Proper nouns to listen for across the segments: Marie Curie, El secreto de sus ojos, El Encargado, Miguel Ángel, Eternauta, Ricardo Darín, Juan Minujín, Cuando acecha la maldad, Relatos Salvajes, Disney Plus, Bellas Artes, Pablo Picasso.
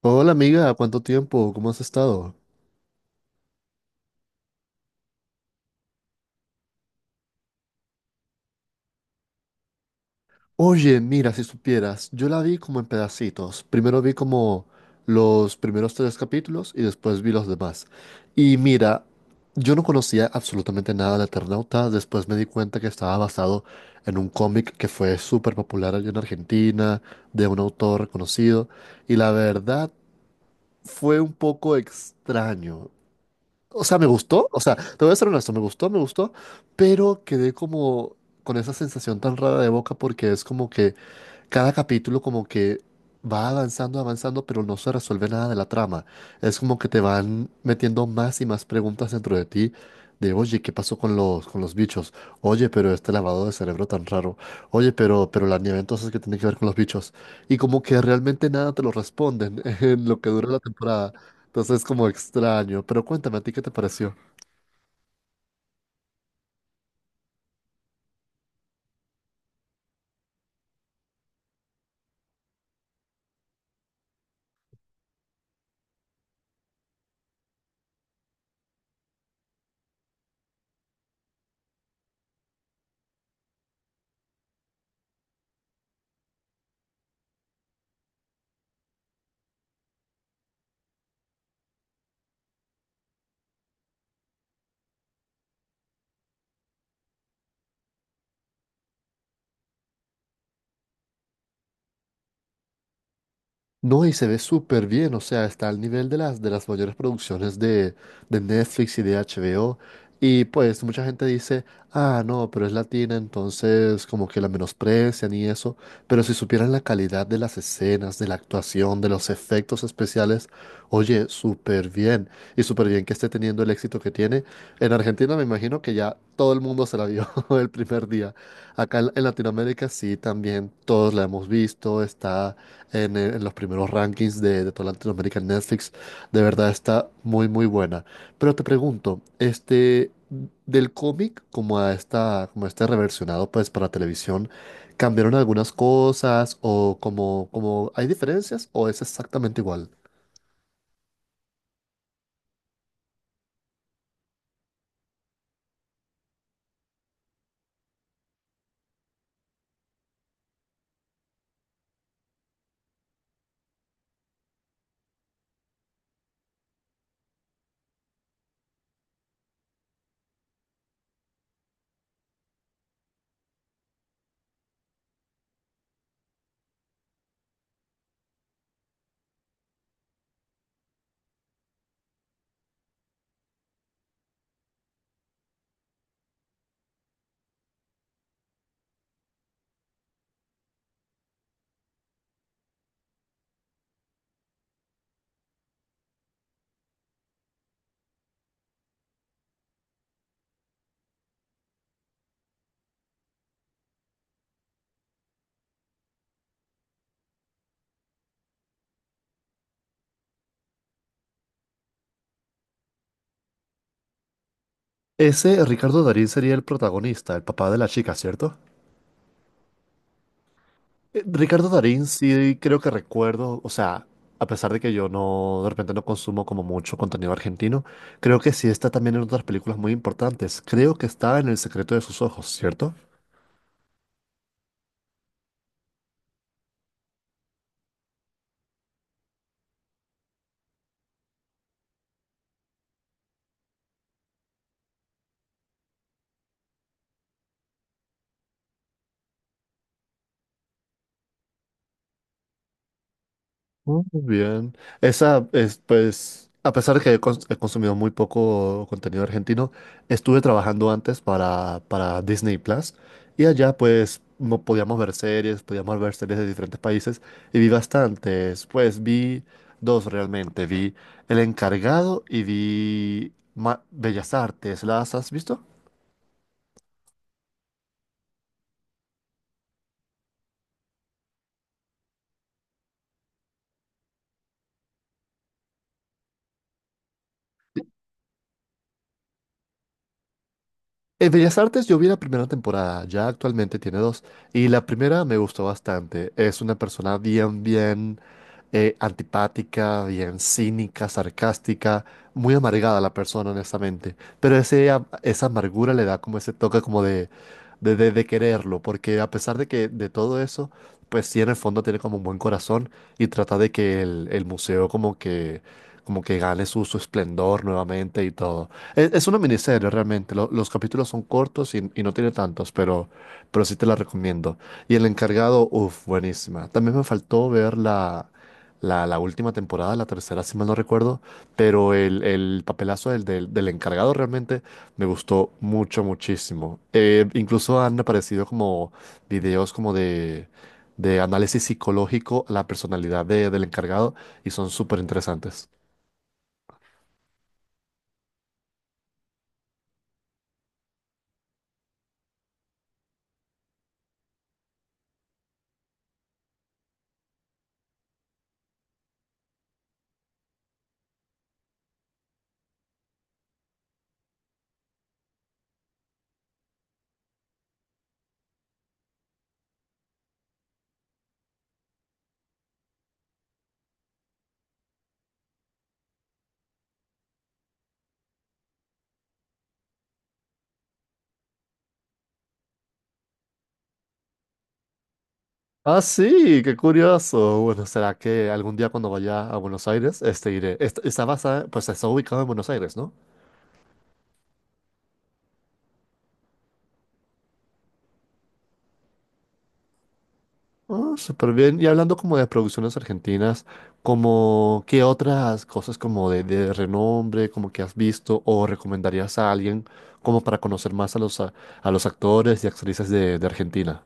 Hola amiga, ¿cuánto tiempo? ¿Cómo has estado? Oye, mira, si supieras, yo la vi como en pedacitos. Primero vi como los primeros tres capítulos y después vi los demás. Y mira, yo no conocía absolutamente nada de Eternauta, después me di cuenta que estaba basado en un cómic que fue súper popular allá en Argentina, de un autor reconocido, y la verdad fue un poco extraño. O sea, me gustó, o sea, te voy a ser honesto, me gustó, pero quedé como con esa sensación tan rara de boca porque es como que cada capítulo como que va avanzando, avanzando, pero no se resuelve nada de la trama. Es como que te van metiendo más y más preguntas dentro de ti de, oye, ¿qué pasó con los bichos? Oye, pero este lavado de cerebro tan raro. Oye, pero la nieve entonces, ¿qué tiene que ver con los bichos? Y como que realmente nada te lo responden en lo que dura la temporada. Entonces es como extraño. Pero cuéntame, ¿a ti qué te pareció? No, y se ve súper bien, o sea, está al nivel de las mayores producciones de Netflix y de HBO. Y pues mucha gente dice, ah, no, pero es latina, entonces como que la menosprecian y eso. Pero si supieran la calidad de las escenas, de la actuación, de los efectos especiales, oye, súper bien. Y súper bien que esté teniendo el éxito que tiene. En Argentina me imagino que ya todo el mundo se la vio el primer día. Acá en Latinoamérica sí, también todos la hemos visto, está en los primeros rankings de toda Latinoamérica en Netflix. De verdad está muy, muy buena. Pero te pregunto, este, del cómic como a esta, como a este reversionado pues para televisión, ¿cambiaron algunas cosas o como, como hay diferencias o es exactamente igual? Ese Ricardo Darín sería el protagonista, el papá de la chica, ¿cierto? Ricardo Darín, sí creo que recuerdo, o sea, a pesar de que yo no, de repente no consumo como mucho contenido argentino, creo que sí está también en otras películas muy importantes. Creo que está en El secreto de sus ojos, ¿cierto? Muy bien. Esa es, pues, a pesar de que he, cons- he consumido muy poco contenido argentino, estuve trabajando antes para Disney Plus y allá, pues, no podíamos ver series, podíamos ver series de diferentes países y vi bastantes. Pues vi dos realmente. Vi El Encargado y vi Ma- Bellas Artes. ¿Las has visto? En Bellas Artes yo vi la primera temporada, ya actualmente tiene dos, y la primera me gustó bastante. Es una persona bien, bien antipática, bien cínica, sarcástica, muy amargada la persona, honestamente. Pero ese, am- esa amargura le da como ese toque como de, de quererlo, porque a pesar de que de todo eso, pues sí en el fondo tiene como un buen corazón y trata de que el museo como que gane su, su esplendor nuevamente y todo. Es una miniserie realmente. Los capítulos son cortos y no tiene tantos, pero sí te la recomiendo. Y El Encargado, uff, buenísima. También me faltó ver la, la última temporada, la tercera, si mal no recuerdo, pero el papelazo del Encargado realmente me gustó mucho, muchísimo. Incluso han aparecido como videos como de análisis psicológico a la personalidad de- del Encargado y son súper interesantes. Ah, sí, qué curioso. Bueno, será que algún día cuando vaya a Buenos Aires, este iré. Est- está basada, pues está ubicado en Buenos Aires, ¿no? Ah, súper bien. Y hablando como de producciones argentinas, como qué otras cosas como de renombre, como que has visto o recomendarías a alguien como para conocer más a los actores y actrices de Argentina.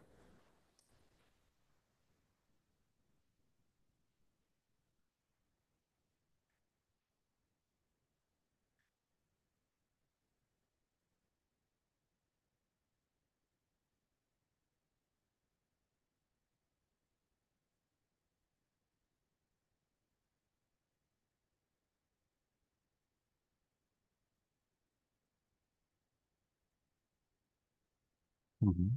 Ujú.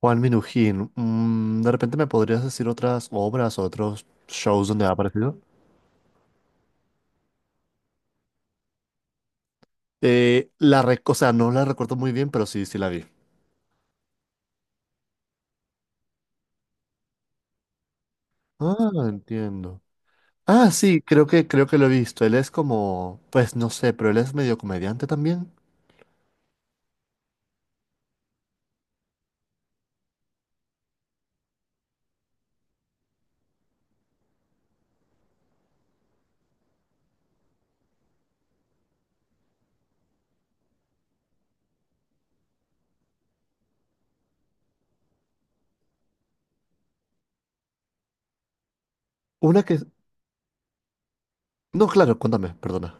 Juan Minujín, mm, ¿de repente me podrías decir otras obras o otros shows donde ha aparecido? La rec- o sea, no la recuerdo muy bien, pero sí, sí la vi. Ah, entiendo. Ah, sí, creo que lo he visto. Él es como, pues no sé, pero él es medio comediante también. Una que... No, claro, cuéntame, perdona.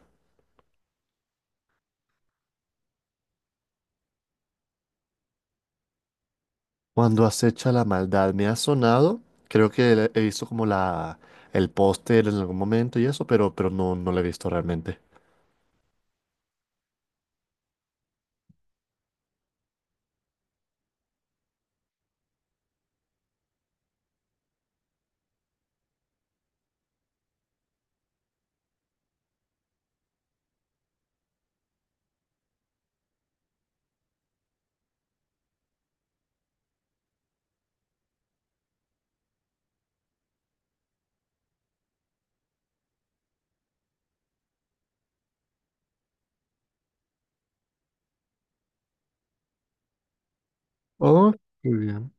Cuando acecha la maldad, me ha sonado. Creo que le- he visto como la, el póster en algún momento y eso, pero no, no lo he visto realmente. Oh, muy bien.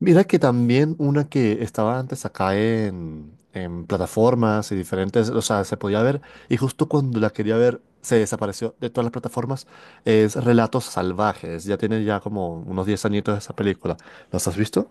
Mira que también una que estaba antes acá en plataformas y diferentes, o sea, se podía ver, y justo cuando la quería ver, se desapareció de todas las plataformas, es Relatos Salvajes. Ya tiene ya como unos 10 añitos esa película. ¿Las has visto?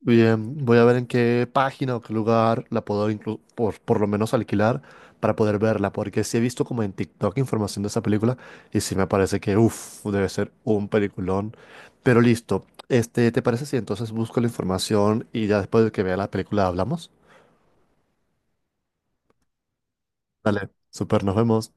Bien, voy a ver en qué página o qué lugar la puedo inclu- por lo menos alquilar para poder verla, porque sí he visto como en TikTok información de esa película y sí me parece que, uff, debe ser un peliculón. Pero listo, este, ¿te parece si entonces busco la información y ya después de que vea la película hablamos? Dale, super, nos vemos.